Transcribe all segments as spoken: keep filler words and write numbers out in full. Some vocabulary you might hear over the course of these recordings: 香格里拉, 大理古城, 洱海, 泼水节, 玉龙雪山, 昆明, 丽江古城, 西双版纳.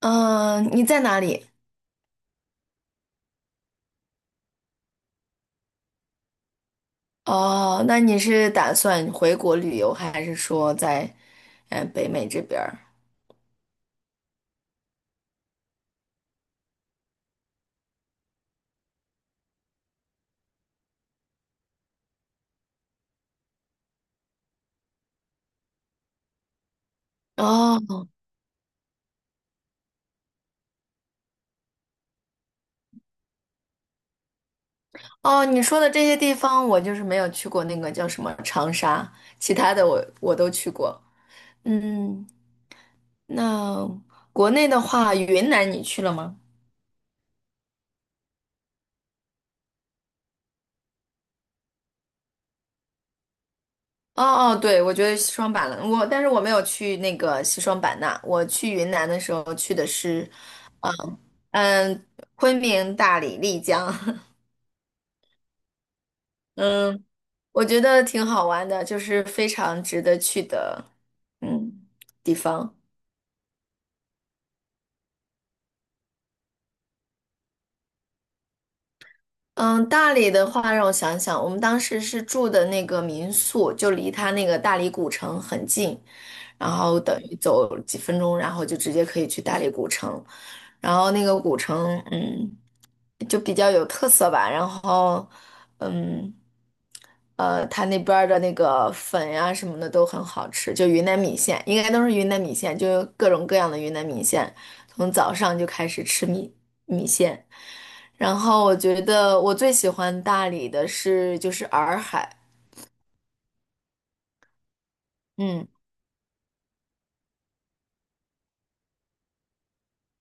嗯，你在哪里？哦，那你是打算回国旅游，还是说在呃北美这边儿？哦哦，你说的这些地方，我就是没有去过那个叫什么长沙，其他的我我都去过。嗯，那国内的话，云南你去了吗？哦哦，对，我觉得西双版纳，我但是我没有去那个西双版纳，我去云南的时候去的是，嗯嗯，昆明、大理、丽江。嗯，我觉得挺好玩的，就是非常值得去的，嗯，地方。嗯，大理的话，让我想想，我们当时是住的那个民宿，就离它那个大理古城很近，然后等于走几分钟，然后就直接可以去大理古城。然后那个古城，嗯，就比较有特色吧。然后，嗯。呃，它那边儿的那个粉呀、什么的都很好吃，就云南米线，应该都是云南米线，就各种各样的云南米线，从早上就开始吃米米线。然后我觉得我最喜欢大理的是就是洱海，嗯，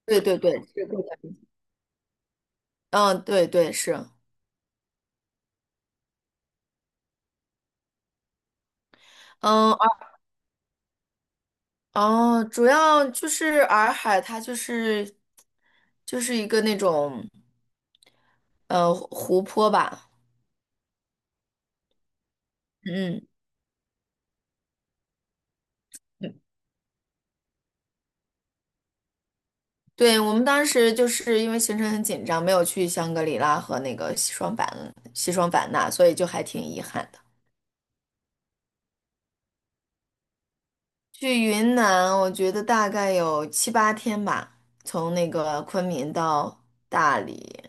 对对对，是贵的嗯，对对是，嗯，洱哦，主要就是洱海，它就是就是一个那种呃湖泊吧，嗯。对，我们当时就是因为行程很紧张，没有去香格里拉和那个西双版西双版纳，所以就还挺遗憾的。去云南，我觉得大概有七八天吧，从那个昆明到大理，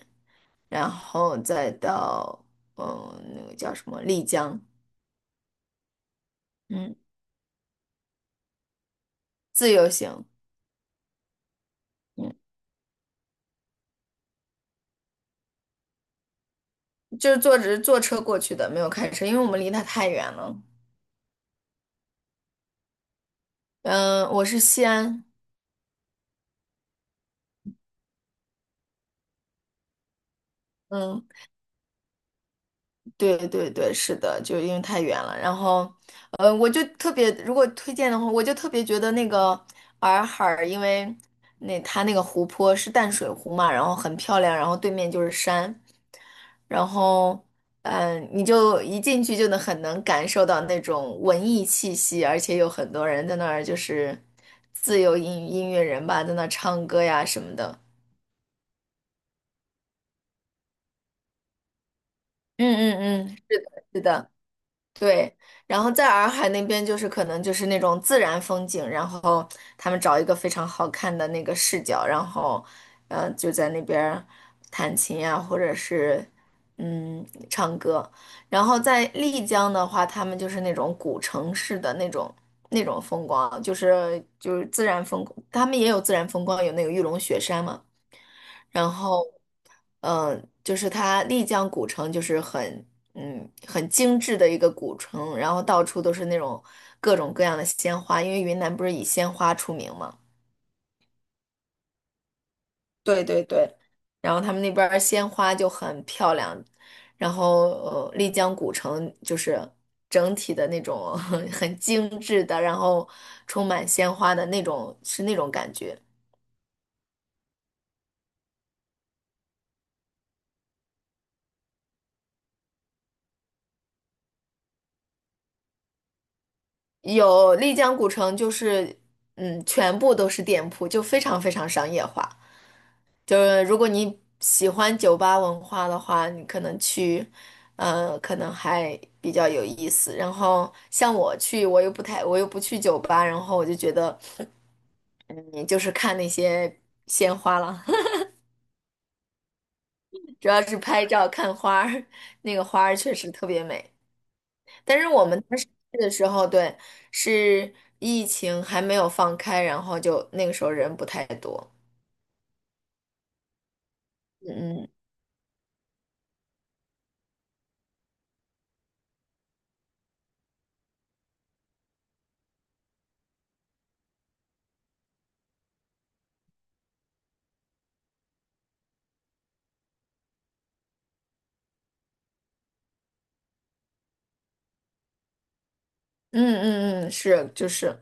然后再到嗯那个叫什么丽江，嗯，自由行，嗯，就是坐着坐车过去的，没有开车，因为我们离它太远了。嗯，我是西安，嗯。对对对，是的，就因为太远了。然后，呃，我就特别，如果推荐的话，我就特别觉得那个洱海儿因为那它那个湖泊是淡水湖嘛，然后很漂亮，然后对面就是山，然后，嗯、你就一进去就能很能感受到那种文艺气息，而且有很多人在那儿就是自由音音乐人吧，在那儿唱歌呀什么的。嗯嗯嗯，是的，是的。对，然后在洱海那边就是可能就是那种自然风景，然后他们找一个非常好看的那个视角，然后呃就在那边儿弹琴呀，或者是嗯唱歌。然后在丽江的话，他们就是那种古城式的那种那种风光，就是就是自然风光他们也有自然风光，有那个玉龙雪山嘛。然后嗯，呃就是它丽江古城就是很嗯很精致的一个古城，然后到处都是那种各种各样的鲜花，因为云南不是以鲜花出名嘛，对对对，然后他们那边儿鲜花就很漂亮，然后呃丽江古城就是整体的那种 很精致的，然后充满鲜花的那种是那种感觉。有丽江古城就是嗯全部都是店铺，就非常非常商业化。就是如果你喜欢酒吧文化的话，你可能去，呃，可能还比较有意思。然后像我去，我又不太，我又不去酒吧，然后我就觉得，嗯，就是看那些鲜花了，主要是拍照看花儿，那个花儿确实特别美。但是我们当时去的时候，对，是疫情还没有放开，然后就那个时候人不太多。嗯嗯。嗯嗯嗯，是就是，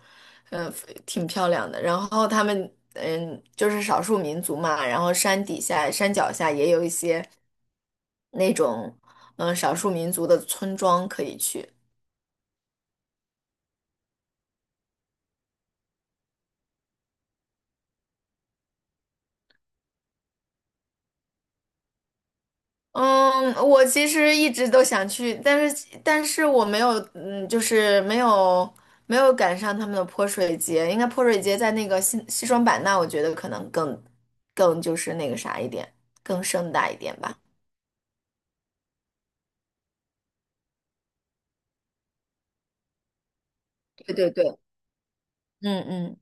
嗯、挺漂亮的。然后他们嗯，就是少数民族嘛，然后山底下、山脚下也有一些那种嗯、少数民族的村庄可以去。嗯，我其实一直都想去，但是但是我没有，嗯，就是没有没有赶上他们的泼水节。应该泼水节在那个西西双版纳，我觉得可能更更就是那个啥一点，更盛大一点吧。对对对，嗯嗯。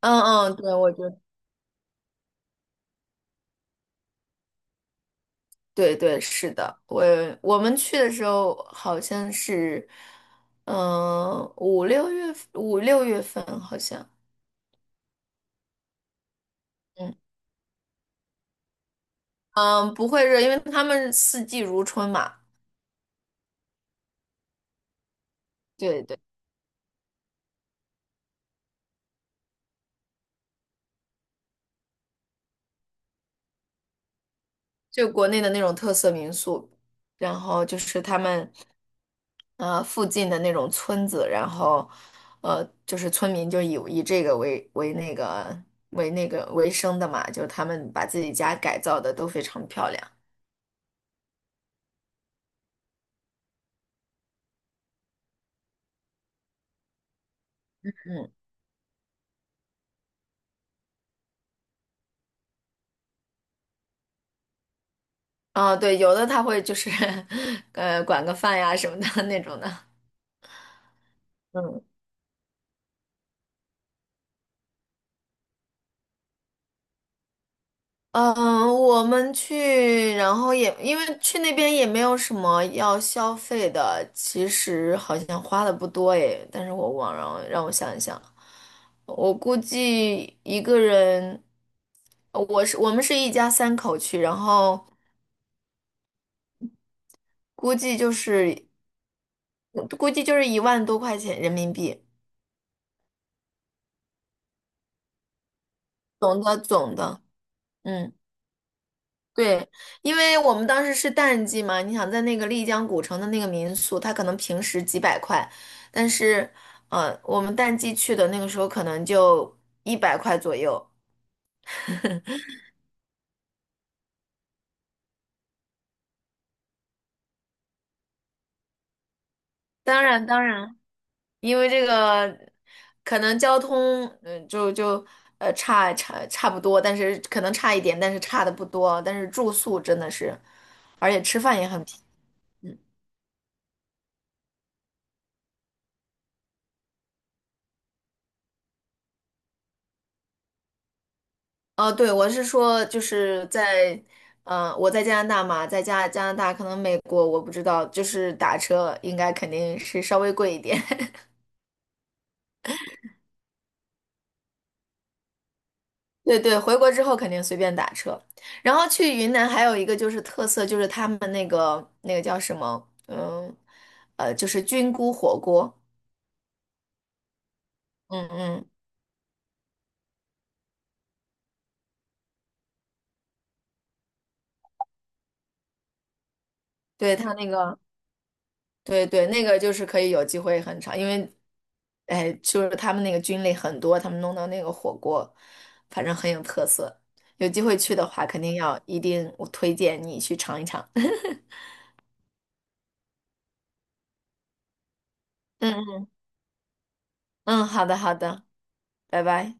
嗯嗯，对，我觉得，对对是的，我我们去的时候好像是，嗯、五六月五六月份好像，嗯嗯，不会热，因为他们四季如春嘛，对对，就国内的那种特色民宿，然后就是他们呃附近的那种村子，然后呃就是村民就以以这个为为那个为那个为生的嘛，就是他们把自己家改造的都非常漂亮，嗯。啊，对，有的他会就是 呃管个饭呀什么的 那种的。嗯嗯，我们去，然后也因为去那边也没有什么要消费的，其实好像花的不多诶，但是我忘了，让我想一想，我估计一个人，呃我是我们是一家三口去，然后估计就是估计就是一万多块钱人民币，总的总的，嗯。对，因为我们当时是淡季嘛，你想在那个丽江古城的那个民宿，它可能平时几百块，但是，呃，我们淡季去的那个时候可能就一百块左右。当然，当然，因为这个可能交通，嗯、就就呃差差差不多，但是可能差一点，但是差的不多，但是住宿真的是，而且吃饭也很便哦，对，我是说，就是在，呃，我在加拿大嘛，在加加拿大，可能美国我不知道，就是打车应该肯定是稍微贵一点。对对，回国之后肯定随便打车。然后去云南还有一个就是特色，就是他们那个那个叫什么，嗯，呃，就是菌菇火锅。嗯嗯，对，他那个。对对，那个就是可以有机会很长，因为，哎，就是他们那个菌类很多，他们弄的那个火锅，反正很有特色。有机会去的话，肯定要一定，我推荐你去尝一尝。嗯嗯，好的好的，拜拜。